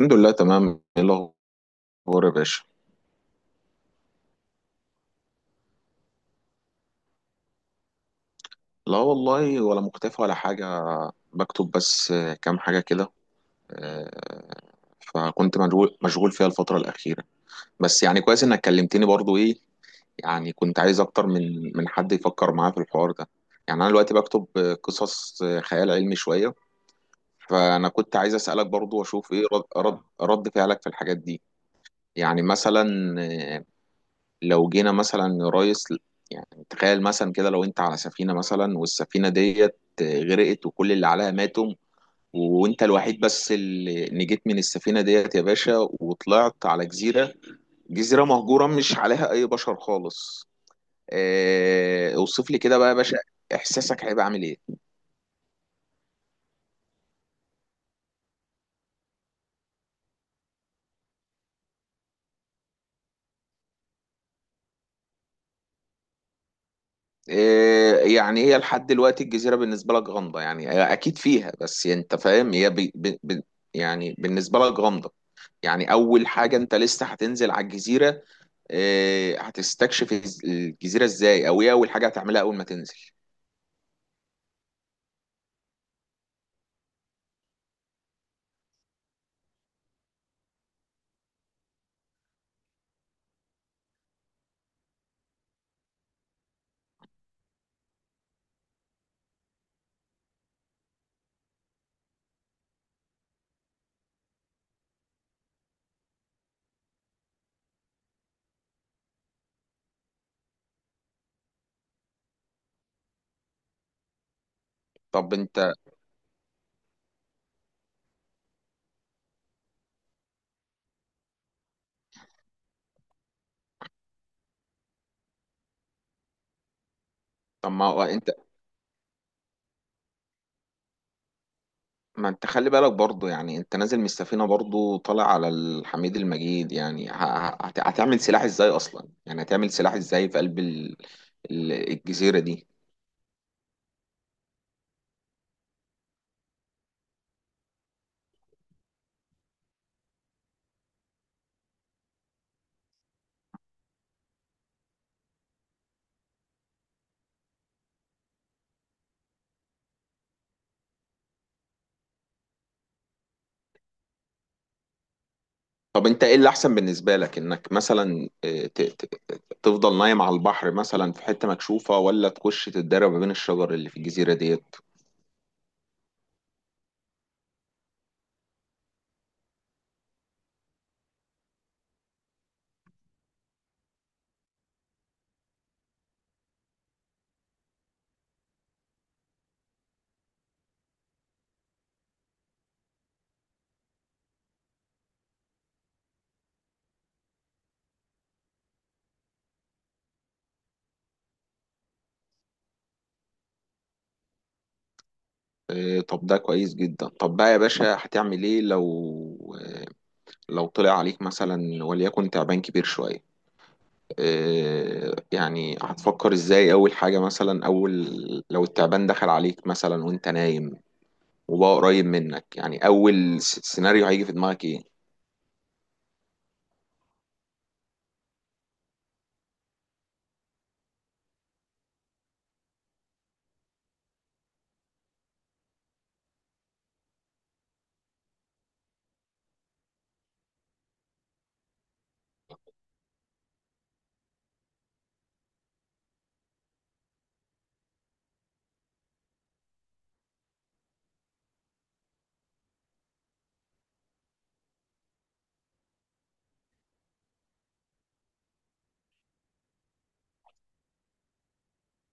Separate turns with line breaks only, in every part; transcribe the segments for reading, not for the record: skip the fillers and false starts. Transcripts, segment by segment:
الحمد لله تمام. ايه الاخبار يا باشا؟ لا والله ولا مختفي ولا حاجه. بكتب بس كام حاجه كده. آه، فكنت مشغول فيها الفتره الاخيره. بس يعني كويس انك كلمتني برضو. ايه يعني كنت عايز اكتر من حد يفكر معايا في الحوار ده. يعني انا دلوقتي بكتب قصص، خيال علمي شويه. فانا كنت عايز اسالك برضو واشوف ايه رد فعلك في الحاجات دي. يعني مثلا، آه، لو جينا مثلا يا ريس، يعني تخيل مثلا كده لو انت على سفينة مثلا، والسفينة ديت غرقت وكل اللي عليها ماتوا، وانت الوحيد بس اللي نجيت من السفينة ديت يا باشا، وطلعت على جزيرة، جزيرة مهجورة مش عليها اي بشر خالص. اه اوصف لي كده بقى يا باشا، احساسك هيبقى عامل ايه؟ اه يعني هي لحد دلوقتي الجزيرة بالنسبة لك غامضة، يعني هي اكيد فيها، بس انت فاهم هي يعني بالنسبة لك غامضة. يعني اول حاجه انت لسه هتنزل على الجزيره، هتستكشف الجزيره ازاي، او ايه اول حاجه هتعملها اول ما تنزل؟ طب انت، طب ما هو انت، ما انت خلي بالك برضو، يعني انت نازل من السفينه برضو طالع على الحميد المجيد، يعني هتعمل سلاح ازاي اصلا؟ يعني هتعمل سلاح ازاي في قلب الجزيره دي؟ طب انت ايه اللي احسن بالنسبه لك، انك مثلا تفضل نايم على البحر مثلا في حته مكشوفه، ولا تخش تتدرب ما بين الشجر اللي في الجزيره دي؟ طب ده كويس جدا. طب بقى يا باشا هتعمل ايه لو لو طلع عليك مثلا وليكن تعبان كبير شوية؟ يعني هتفكر ازاي اول حاجة مثلا، اول لو التعبان دخل عليك مثلا وانت نايم وبقى قريب منك، يعني اول سيناريو هيجي في دماغك ايه؟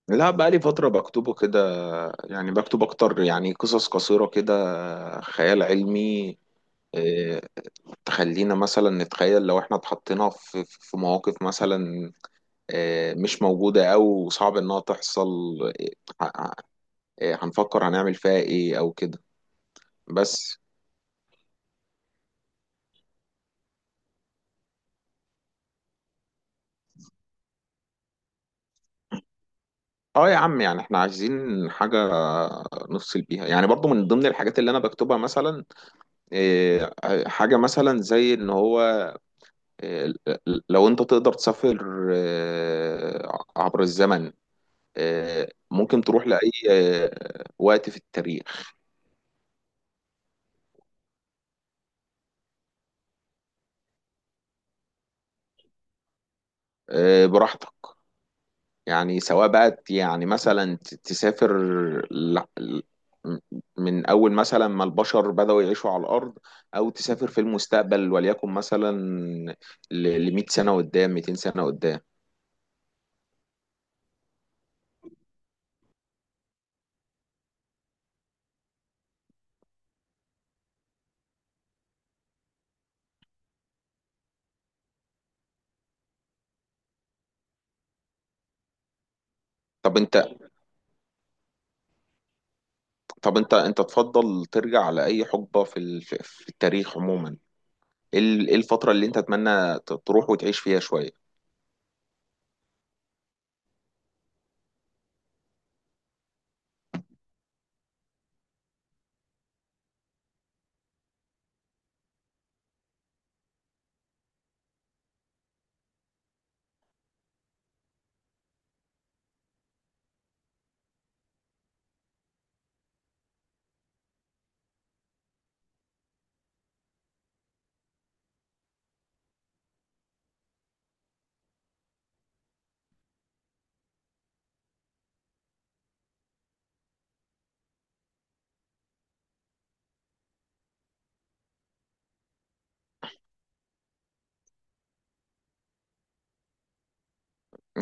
لا بقى لي فترة بكتبه كده، يعني بكتب اكتر يعني قصص قصيرة كده خيال علمي. إيه، تخلينا مثلا نتخيل لو احنا اتحطينا في مواقف مثلا مش موجودة أو صعب إنها تحصل، آه، هنفكر هنعمل فيها إيه أو كده. بس اه يا عم، يعني احنا عايزين حاجة نفصل بيها، يعني برضو من ضمن الحاجات اللي انا بكتبها مثلا، آه، حاجة مثلا زي ان هو آه، لو انت تقدر تسافر عبر الزمن، ممكن تروح لأي وقت في التاريخ، براحتك. يعني سواء بقى تسافر ل- ل- من أول مثلا ما البشر بدأوا يعيشوا على الأرض، أو تسافر في المستقبل وليكن مثلا ل 100 سنة قدام، 200 سنة قدام. طب أنت، طب أنت أنت تفضل ترجع لأي حقبة في في التاريخ عموما؟ إيه إيه الفترة اللي أنت تتمنى تروح وتعيش فيها شوية؟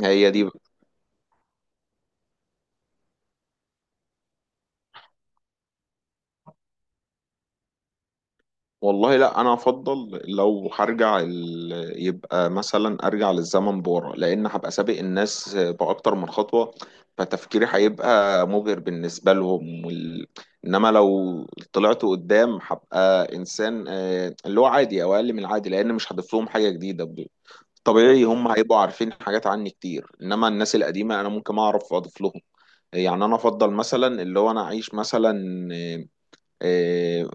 هي دي. والله لا انا افضل لو هرجع يبقى مثلا ارجع للزمن بورا، لان هبقى سابق الناس باكتر من خطوه، فتفكيري هيبقى مبهر بالنسبه لهم انما لو طلعت قدام هبقى انسان اللي هو عادي او اقل من العادي، لان مش هضيف لهم حاجه جديده طبيعي هم هيبقوا عارفين حاجات عني كتير، انما الناس القديمه انا ممكن اعرف اضيف لهم. يعني انا افضل مثلا اللي هو انا اعيش مثلا آه،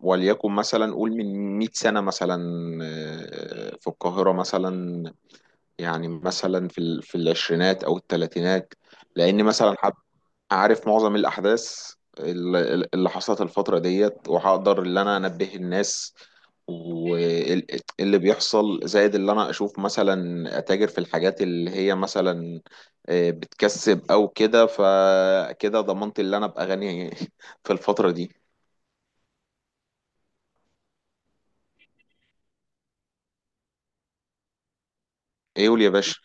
وليكن مثلا قول من 100 سنة مثلا في القاهرة مثلا، يعني مثلا في في العشرينات أو الثلاثينات. لأن مثلا عارف معظم الأحداث اللي حصلت الفترة ديت، وهقدر اللي أنا أنبه الناس واللي بيحصل، زائد اللي أنا أشوف مثلا أتاجر في الحاجات اللي هي مثلا بتكسب أو كده، فكده ضمنت اللي أنا أبقى غني في الفترة دي. إيه، قول يا باشا.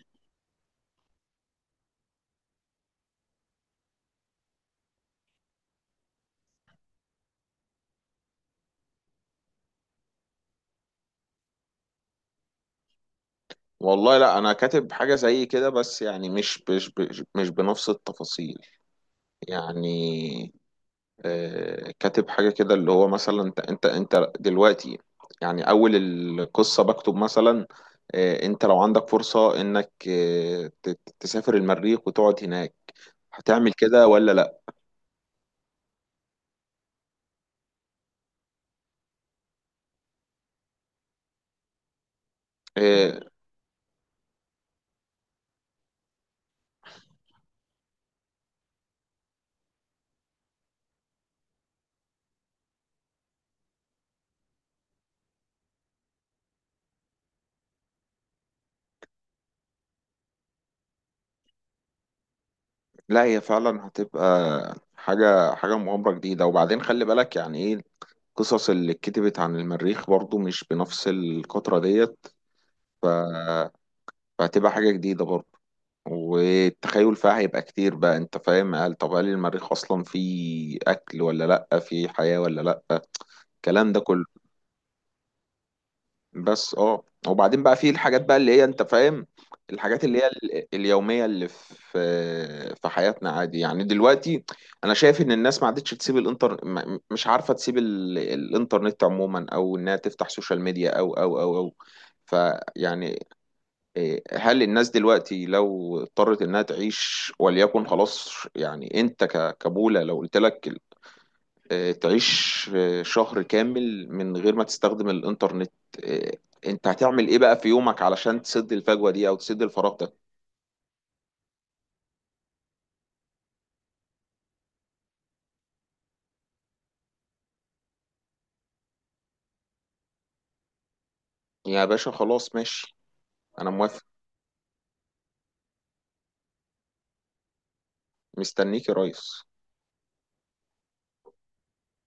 والله لا انا كاتب حاجه زي كده، بس يعني مش بنفس التفاصيل. يعني آه كاتب حاجه كده اللي هو مثلا انت دلوقتي، يعني اول القصه بكتب مثلا آه انت لو عندك فرصه انك آه تسافر المريخ وتقعد هناك، هتعمل كده ولا لا؟ آه لا هي فعلا هتبقى حاجه مغامره جديده. وبعدين خلي بالك يعني ايه، القصص اللي اتكتبت عن المريخ برضو مش بنفس القطرة ديت، فهتبقى حاجة جديدة برضه، والتخيل فيها هيبقى كتير بقى. انت فاهم؟ قال طب هل المريخ اصلا فيه اكل ولا لا، فيه حياة ولا لا، الكلام ده كله. بس اه وبعدين بقى فيه الحاجات بقى اللي هي انت فاهم، الحاجات اللي هي اليومية اللي في حياتنا عادي يعني. دلوقتي انا شايف ان الناس ما عادتش تسيب مش عارفة تسيب الانترنت عموما، او انها تفتح سوشيال ميديا او فيعني، هل الناس دلوقتي لو اضطرت انها تعيش وليكن خلاص، يعني انت كبولة لو قلت لك تعيش شهر كامل من غير ما تستخدم الانترنت، إيه، انت هتعمل ايه بقى في يومك علشان تسد الفجوة دي او تسد الفراغ ده؟ يا باشا خلاص ماشي. انا موافق. مستنيك يا ريس.